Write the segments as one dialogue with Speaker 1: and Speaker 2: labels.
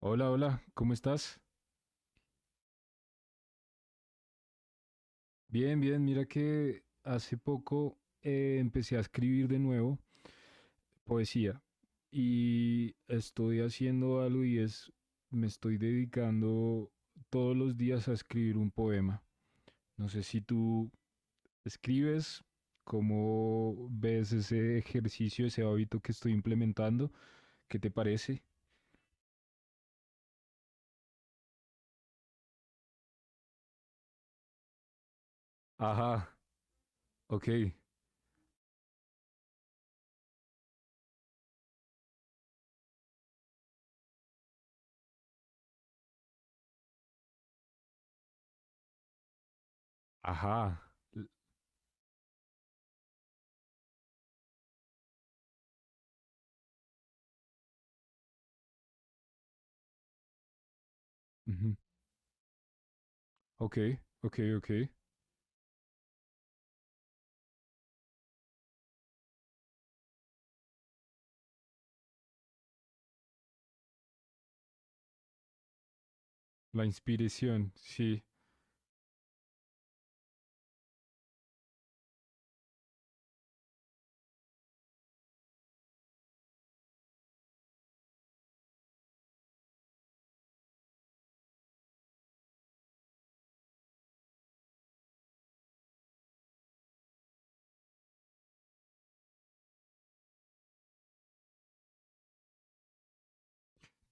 Speaker 1: Hola, hola, ¿cómo estás? Bien, bien, mira que hace poco empecé a escribir de nuevo poesía y estoy haciendo algo y es, me estoy dedicando todos los días a escribir un poema. No sé si tú escribes, cómo ves ese ejercicio, ese hábito que estoy implementando, ¿qué te parece? Ajá, ok, ajá, l- ujú, ok, ok, ok. La inspiración, sí.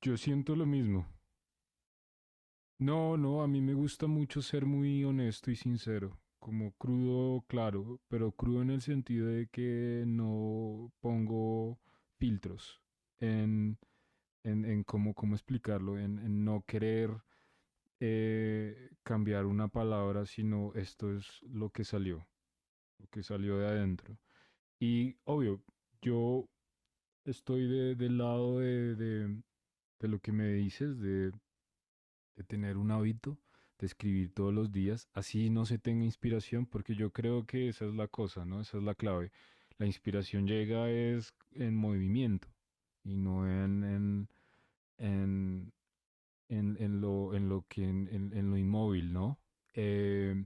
Speaker 1: Yo siento lo mismo. No, no, a mí me gusta mucho ser muy honesto y sincero, como crudo, claro, pero crudo en el sentido de que no pongo filtros en, en cómo, cómo explicarlo, en no querer cambiar una palabra, sino esto es lo que salió de adentro. Y obvio, yo estoy del lado de lo que me dices, de tener un hábito, de escribir todos los días, así no se tenga inspiración, porque yo creo que esa es la cosa, ¿no? Esa es la clave. La inspiración llega es en movimiento y no en, en lo, en lo inmóvil, ¿no? Eh,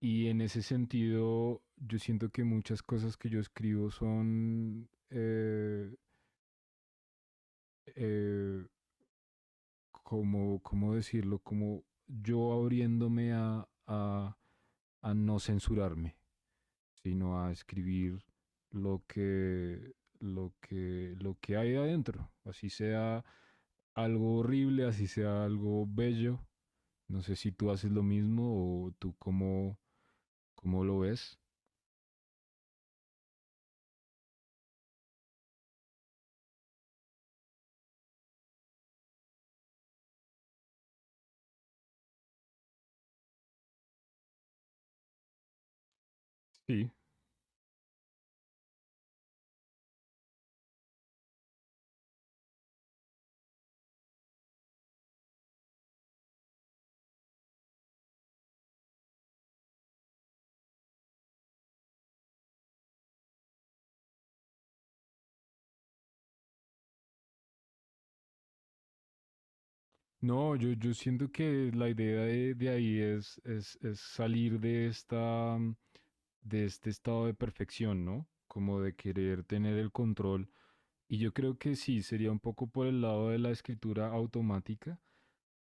Speaker 1: y en ese sentido, yo siento que muchas cosas que yo escribo son eh, como, ¿cómo decirlo? Como yo abriéndome a no censurarme, sino a escribir lo que, lo que hay adentro, así sea algo horrible, así sea algo bello. No sé si tú haces lo mismo o tú cómo, cómo lo ves. Sí, no, yo siento que la idea de ahí es salir de esta, de este estado de perfección, ¿no? Como de querer tener el control. Y yo creo que sí, sería un poco por el lado de la escritura automática,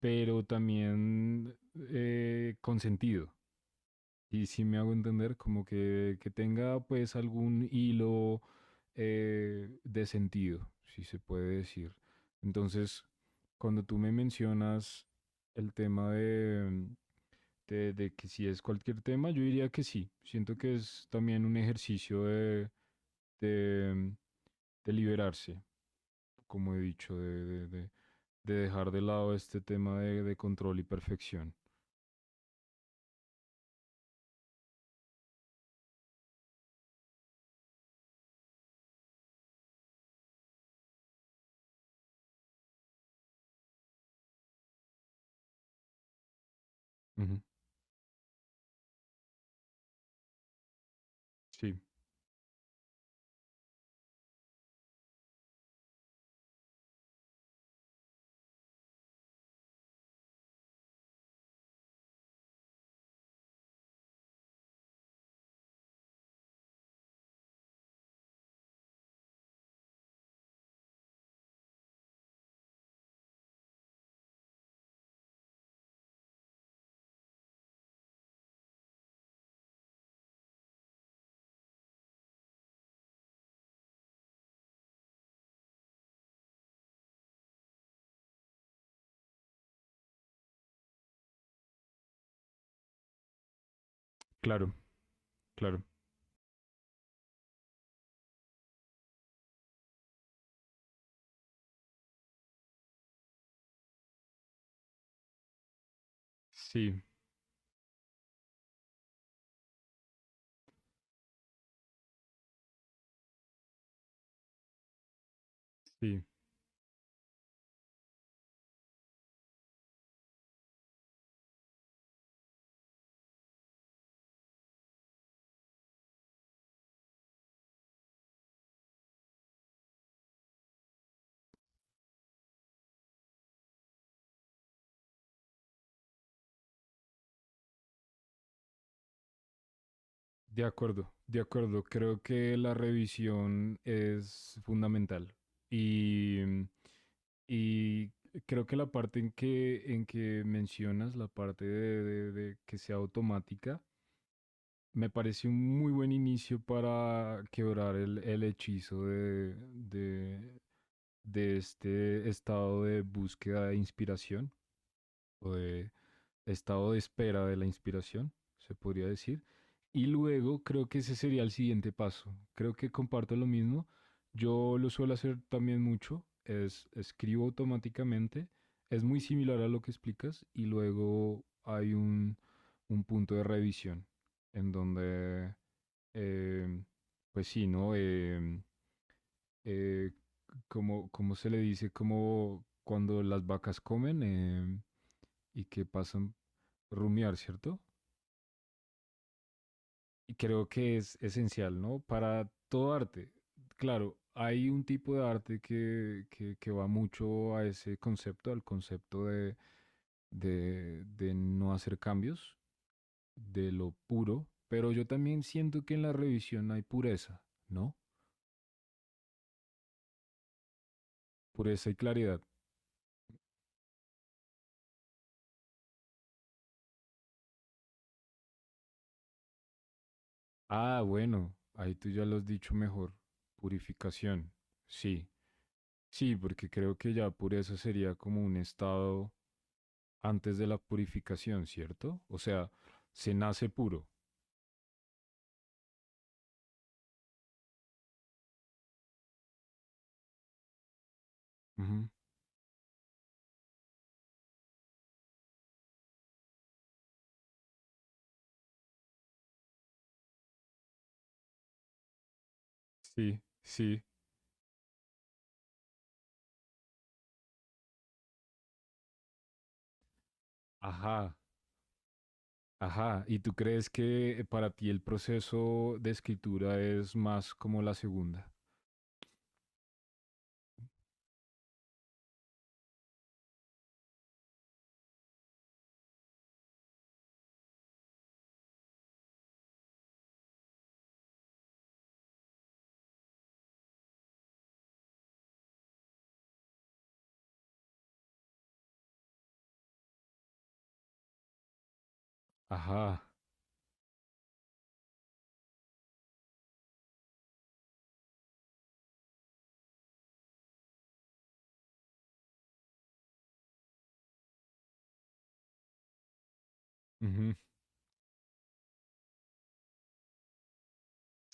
Speaker 1: pero también con sentido. Y si me hago entender, como que tenga pues algún hilo de sentido, si se puede decir. Entonces, cuando tú me mencionas el tema de que si es cualquier tema, yo diría que sí. Siento que es también un ejercicio de, de liberarse, como he dicho, de dejar de lado este tema de control y perfección. Ujú. Sí, claro, claro. Sí, sí. De acuerdo, de acuerdo. Creo que la revisión es fundamental. Y, y creo que la parte en en que mencionas, la parte de que sea automática, me parece un muy buen inicio para quebrar el hechizo de este estado de búsqueda de inspiración o de estado de espera de la inspiración, se podría decir. Y luego creo que ese sería el siguiente paso. Creo que comparto lo mismo. Yo lo suelo hacer también mucho. Es escribo automáticamente. Es muy similar a lo que explicas. Y luego hay un punto de revisión en donde, eh, pues sí, ¿no? Eh, como, como se le dice, como cuando las vacas comen, y que pasan rumiar, ¿cierto? Y creo que es esencial, ¿no? Para todo arte. Claro, hay un tipo de arte que va mucho a ese concepto, al concepto de no hacer cambios, de lo puro, pero yo también siento que en la revisión hay pureza, ¿no? Pureza y claridad. Ah, bueno, ahí tú ya lo has dicho mejor. Purificación, sí. Sí, porque creo que ya pureza sería como un estado antes de la purificación, ¿cierto? O sea, se nace puro. Ujú. Sí, sí. Ajá, ajá. ¿Y tú crees que para ti el proceso de escritura es más como la segunda? Ajá, ujú,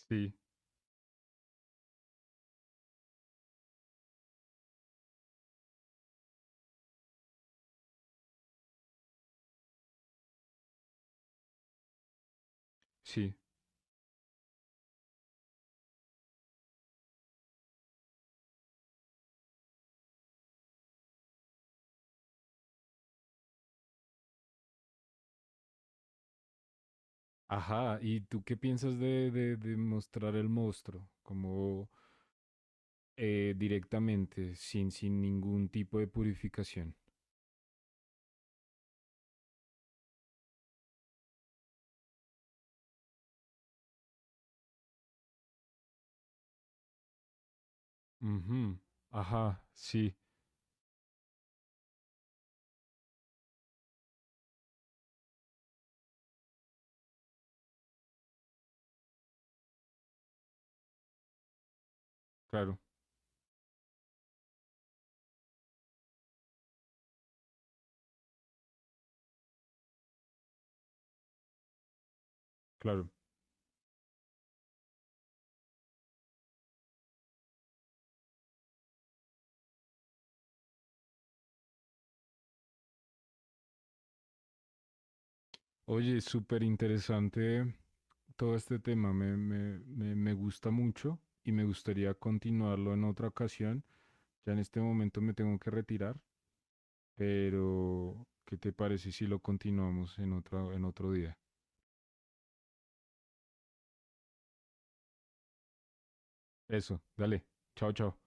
Speaker 1: sí, sí. Ajá. ¿Y tú qué piensas de mostrar el monstruo como directamente, sin, sin ningún tipo de purificación? Ujú, ajá, sí, claro, claro. Oye, súper interesante todo este tema. Me gusta mucho y me gustaría continuarlo en otra ocasión. Ya en este momento me tengo que retirar, pero ¿qué te parece si lo continuamos en otro día? Eso, dale. Chao, chao.